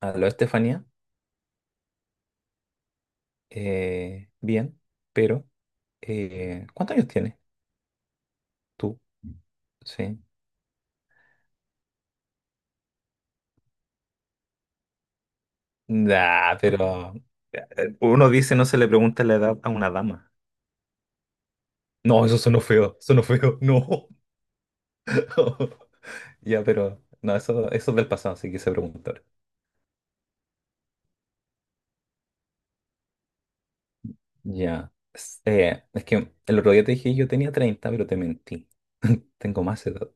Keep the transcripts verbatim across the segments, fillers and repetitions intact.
Aló, Estefanía. Eh, bien, pero eh, ¿cuántos años tienes tú? Sí. Nah, pero eh, uno dice no se le pregunta la edad a una dama. No, eso sonó feo, sonó feo, no. Ya, pero no, eso, eso es del pasado, así que se pregunta. Ya. Es eh, es que el otro día te dije yo tenía treinta pero te mentí. Tengo más edad.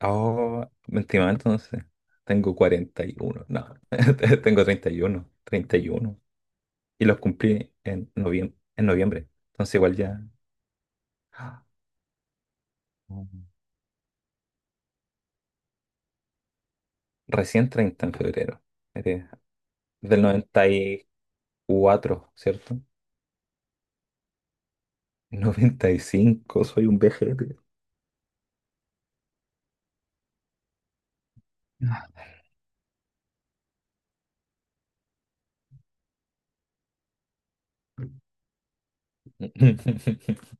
Oh, mentí mal, entonces. Tengo cuarenta y uno. No, tengo treinta treinta y uno treinta y uno y los cumplí en noviem en noviembre. Entonces igual ya. Ah, recién treinta en febrero. Eres del noventa y cuatro, ¿cierto? Noventa y cinco, soy un vejete.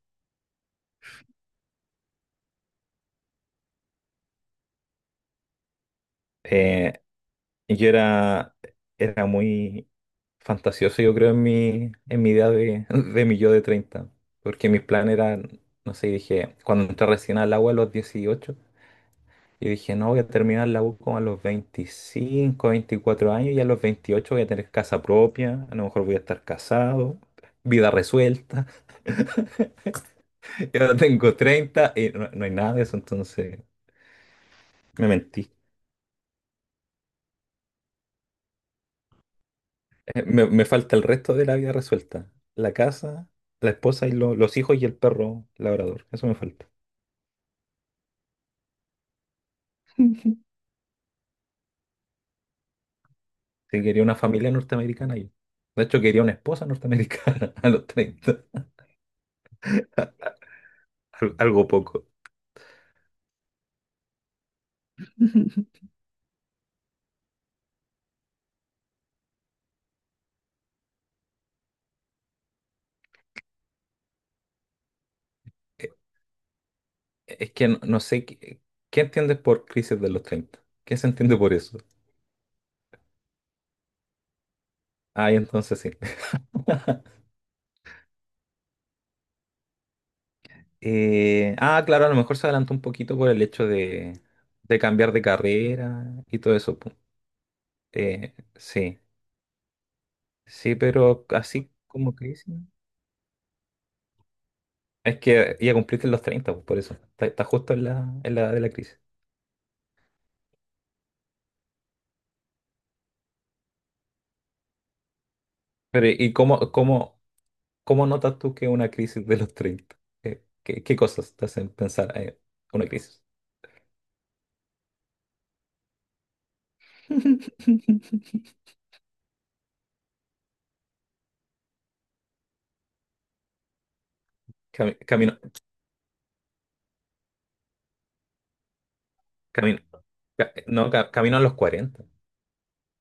Eh, yo era, era muy fantasioso, yo creo, en mi, en mi idea de, de mi yo de treinta. Porque mis planes eran, no sé, dije, cuando entré recién al agua a los dieciocho y dije, no, voy a terminar la U como a los veinticinco veinticuatro años y a los veintiocho voy a tener casa propia, a lo mejor voy a estar casado, vida resuelta. Y ahora tengo treinta y no, no hay nada de eso, entonces me mentí. Eh, Me, me falta el resto de la vida resuelta, la casa, la esposa y lo- los hijos y el perro labrador, eso me falta. Sí, quería una familia norteamericana yo. De hecho, quería una esposa norteamericana a los treinta al- algo poco. Es que no, no sé qué, qué, entiendes por crisis de los treinta. ¿Qué se entiende por eso? Ay, entonces sí. Eh, ah, claro, a lo mejor se adelantó un poquito por el hecho de, de cambiar de carrera y todo eso. Pu. Eh, sí, sí, pero así como crisis, ¿no? Es que ya cumpliste los treinta, pues, por eso. Está, está justo en la, en la, de la crisis. Pero, ¿y cómo, cómo, cómo notas tú que es una crisis de los treinta? Eh, ¿Qué, qué cosas te hacen pensar en una crisis? Cami- camino, camino, ca- no, ca- camino a los cuarenta.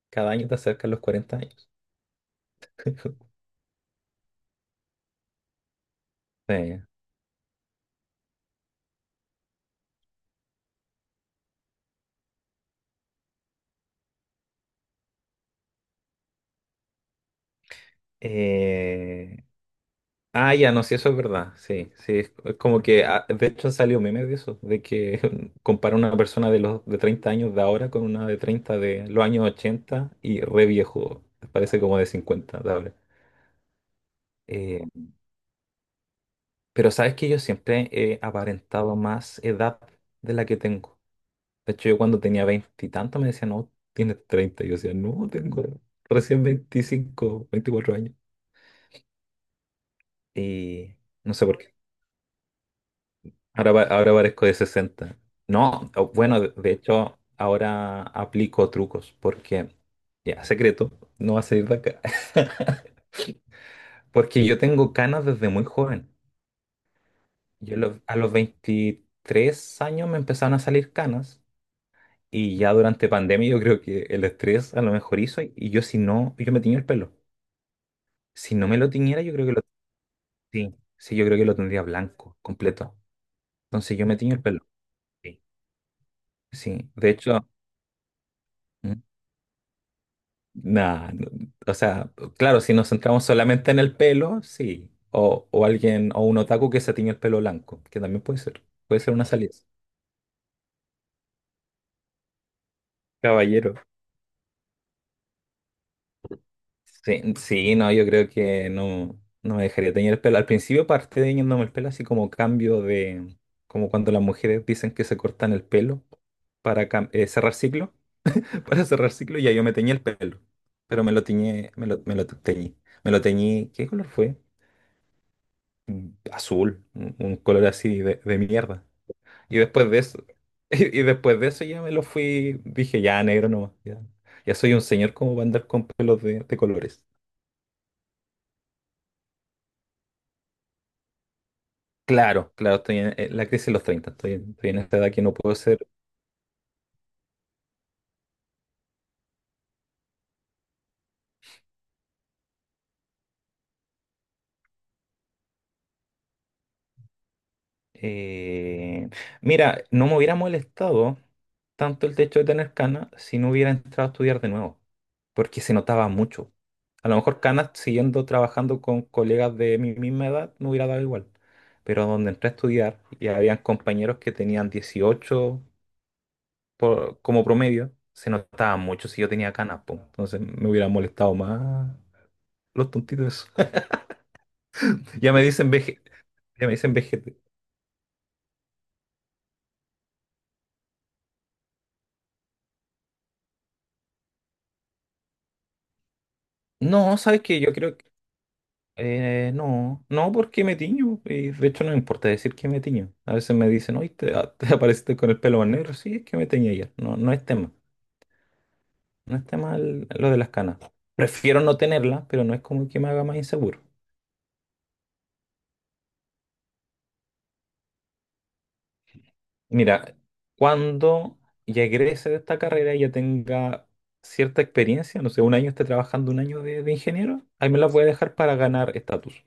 Cada año te acercas a los cuarenta años. Sí. Eh, ah, ya, no, sí, eso es verdad. Sí, sí. Es es como que, ah, de hecho, salió meme de eso, de que compara una persona de los de treinta años de ahora con una de treinta de los años ochenta y re viejo. Parece como de cincuenta de ahora. Eh, pero sabes que yo siempre he aparentado más edad de la que tengo. De hecho, yo cuando tenía veinte y tanto me decían, no, tienes treinta. Y yo decía, no, tengo recién veinticinco, veinticuatro años. Y no sé por qué. Ahora, pa- ahora parezco de sesenta. No, o- bueno, de de hecho, ahora aplico trucos porque, ya, secreto, no va a salir de acá. Porque yo tengo canas desde muy joven. Yo, lo- a los veintitrés años me empezaron a salir canas, y ya durante pandemia yo creo que el estrés a lo mejor hizo y, y yo, si no, yo me tenía el pelo. Si no me lo tiñera, yo creo que lo. Sí, sí, yo creo que lo tendría blanco, completo. Entonces yo me tiño el pelo. Sí, sí. De hecho, mm, nah, no, o sea, claro, si nos centramos solamente en el pelo, sí. O, o alguien, o un otaku que se tiñe el pelo blanco, que también puede ser. Puede ser una salida. Caballero. Sí, mm, sí, no, yo creo que no, no me dejaría teñir el pelo. Al principio parte teñiéndome el pelo así como cambio de, como cuando las mujeres dicen que se cortan el pelo para cam- eh, cerrar ciclo. Para cerrar ciclo, ya yo me teñí el pelo, pero me lo teñí, me lo, me lo teñí, me lo teñí, ¿qué color fue? Mm, Azul, un un color así de, de mierda. Y después de eso, y, después de eso ya me lo fui, dije, ya negro nomás, ya, ya soy un señor, como va a andar con pelos de, de colores. Claro, claro, estoy en, en la crisis de los treinta, estoy en, estoy en esta edad que no puedo ser. Eh, Mira, no me hubiera molestado tanto el hecho de tener canas si no hubiera entrado a estudiar de nuevo, porque se notaba mucho. A lo mejor canas siguiendo trabajando con colegas de mi misma edad me hubiera dado igual, pero donde entré a estudiar y habían compañeros que tenían dieciocho por- como promedio, se notaba mucho si yo tenía canas, po. Entonces me hubiera molestado más los tontitos. Ya me dicen veje, ya me dicen vejete. No, sabes que yo creo. Eh, no, no porque me tiño, y de hecho no me importa decir que me tiño. A veces me dicen, oye, te, ah, te apareciste con el pelo más negro, sí, es que me teñí ayer. No, no es tema, no es tema el- lo de las canas. Prefiero no tenerlas, pero no es como que me haga más inseguro. Mira, cuando ya egrese de esta carrera y ya tenga cierta experiencia, no sé, un año esté trabajando un año de, de ingeniero, ahí me las voy a dejar para ganar estatus.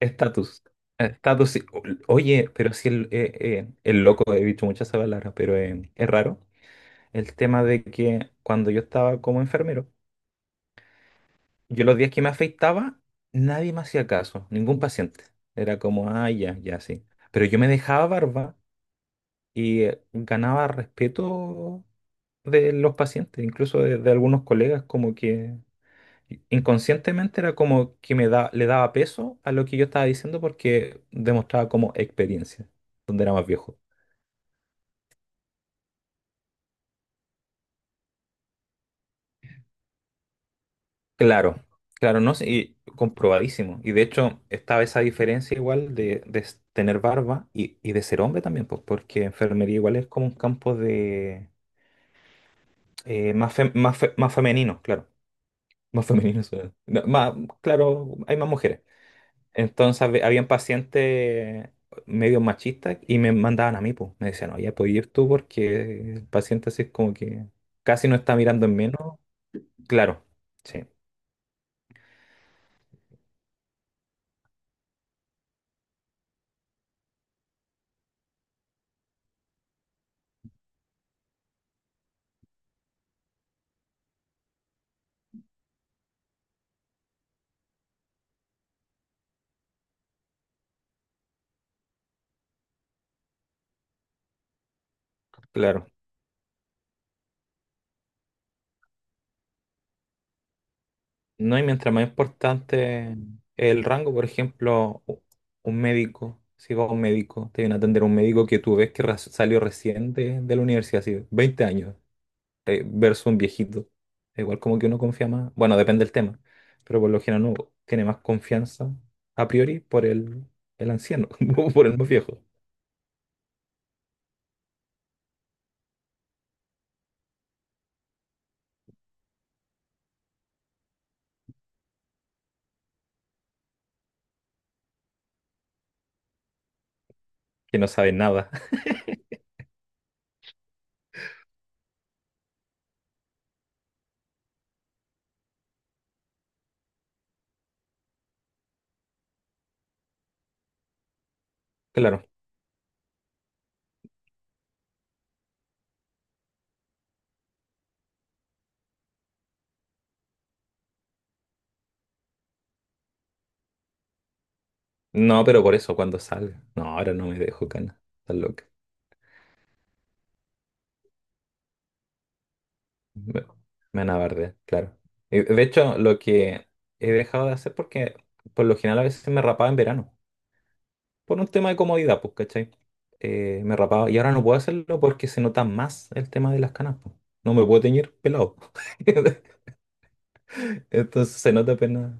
Estatus. Estatus, sí. O- Oye, pero si el, eh, eh, el loco, he dicho muchas palabras, pero eh, es raro. El tema de que cuando yo estaba como enfermero, yo los días que me afeitaba, nadie me hacía caso, ningún paciente. Era como, ah, ya, ya, sí. Pero yo me dejaba barba y eh, ganaba respeto de los pacientes, incluso de, de algunos colegas, como que inconscientemente era como que me da, le daba peso a lo que yo estaba diciendo porque demostraba como experiencia, donde era más viejo. Claro, claro, no sé, y comprobadísimo. Y de hecho estaba esa diferencia igual de, de s- tener barba y, y de ser hombre también, pues porque enfermería igual es como un campo de eh, más, fe- más, fe- más femenino, claro. Más femenino, suena. No, más, claro, hay más mujeres. Entonces hab- habían pacientes medio machistas y me mandaban a mí, pues. Me decían, oye, puedes ir tú porque el paciente así es como que casi no está mirando en menos. Claro, sí, claro. No, y mientras más importante el rango, por ejemplo, u- un médico, si vas a un médico, te viene a atender un médico que tú ves que ras- salió recién de, de la universidad, así, veinte años. Eh, versus un viejito. Igual como que uno confía más, bueno, depende del tema, pero por lo general uno tiene más confianza a priori por el, el anciano, o por el más viejo, que no sabe nada. Claro. No, pero por eso cuando salga. No, ahora no me dejo, cana. Estás loca. Me, me van a bardear, claro. Y, de hecho, lo que he dejado de hacer porque por lo general a veces me rapaba en verano, por un tema de comodidad, pues, ¿cachai? Eh, me rapaba. Y ahora no puedo hacerlo porque se nota más el tema de las canas, pues. No me puedo teñir pelado. Entonces se nota apenas.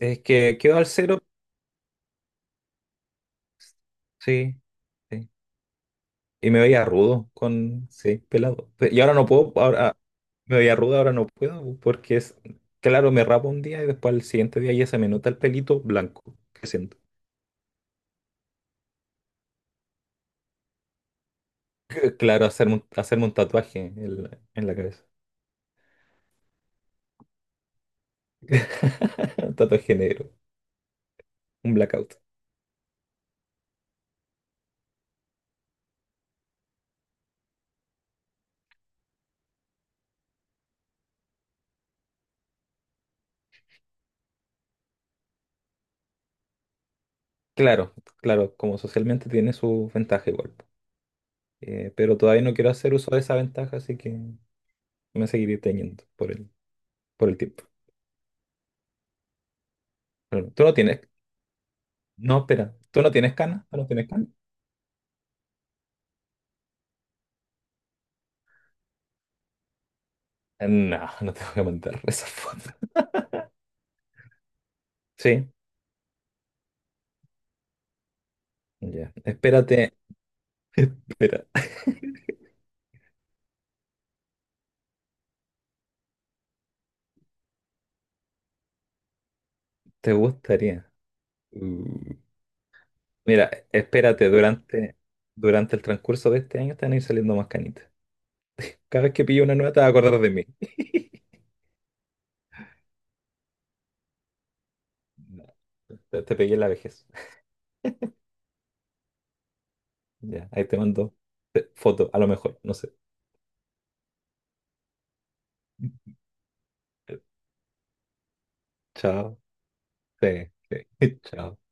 Es que quedo al cero, sí, sí. Y me veía rudo con, sí, pelado. Y ahora no puedo, ahora me veía rudo, ahora no puedo, porque es, claro, me rapo un día y después al siguiente día ya se me nota el pelito blanco que siento. Eh, Claro, hacerme, un- hacerme un tatuaje en la, en la, cabeza. Un tatuaje negro. Un blackout. Claro, claro, como socialmente tiene su ventaja igual. Eh, pero todavía no quiero hacer uso de esa ventaja, así que me seguiré teñiendo por el, por el tiempo. Pero tú no tienes. No, espera. ¿Tú no tienes canas? ¿Tú no tienes canas? Eh, No, no te voy a mandar esa foto. Sí, ya. Espérate, espera. ¿Te gustaría? Mm. Mira, espérate, durante, durante el transcurso de este año te van a ir saliendo más canitas. Cada vez que pillo una nueva te vas a acordar de mí. No, te, te pegué en la vejez. Ya, ahí te mando eh, foto, a lo mejor, no sé. Chao. Sí, sí. Chao.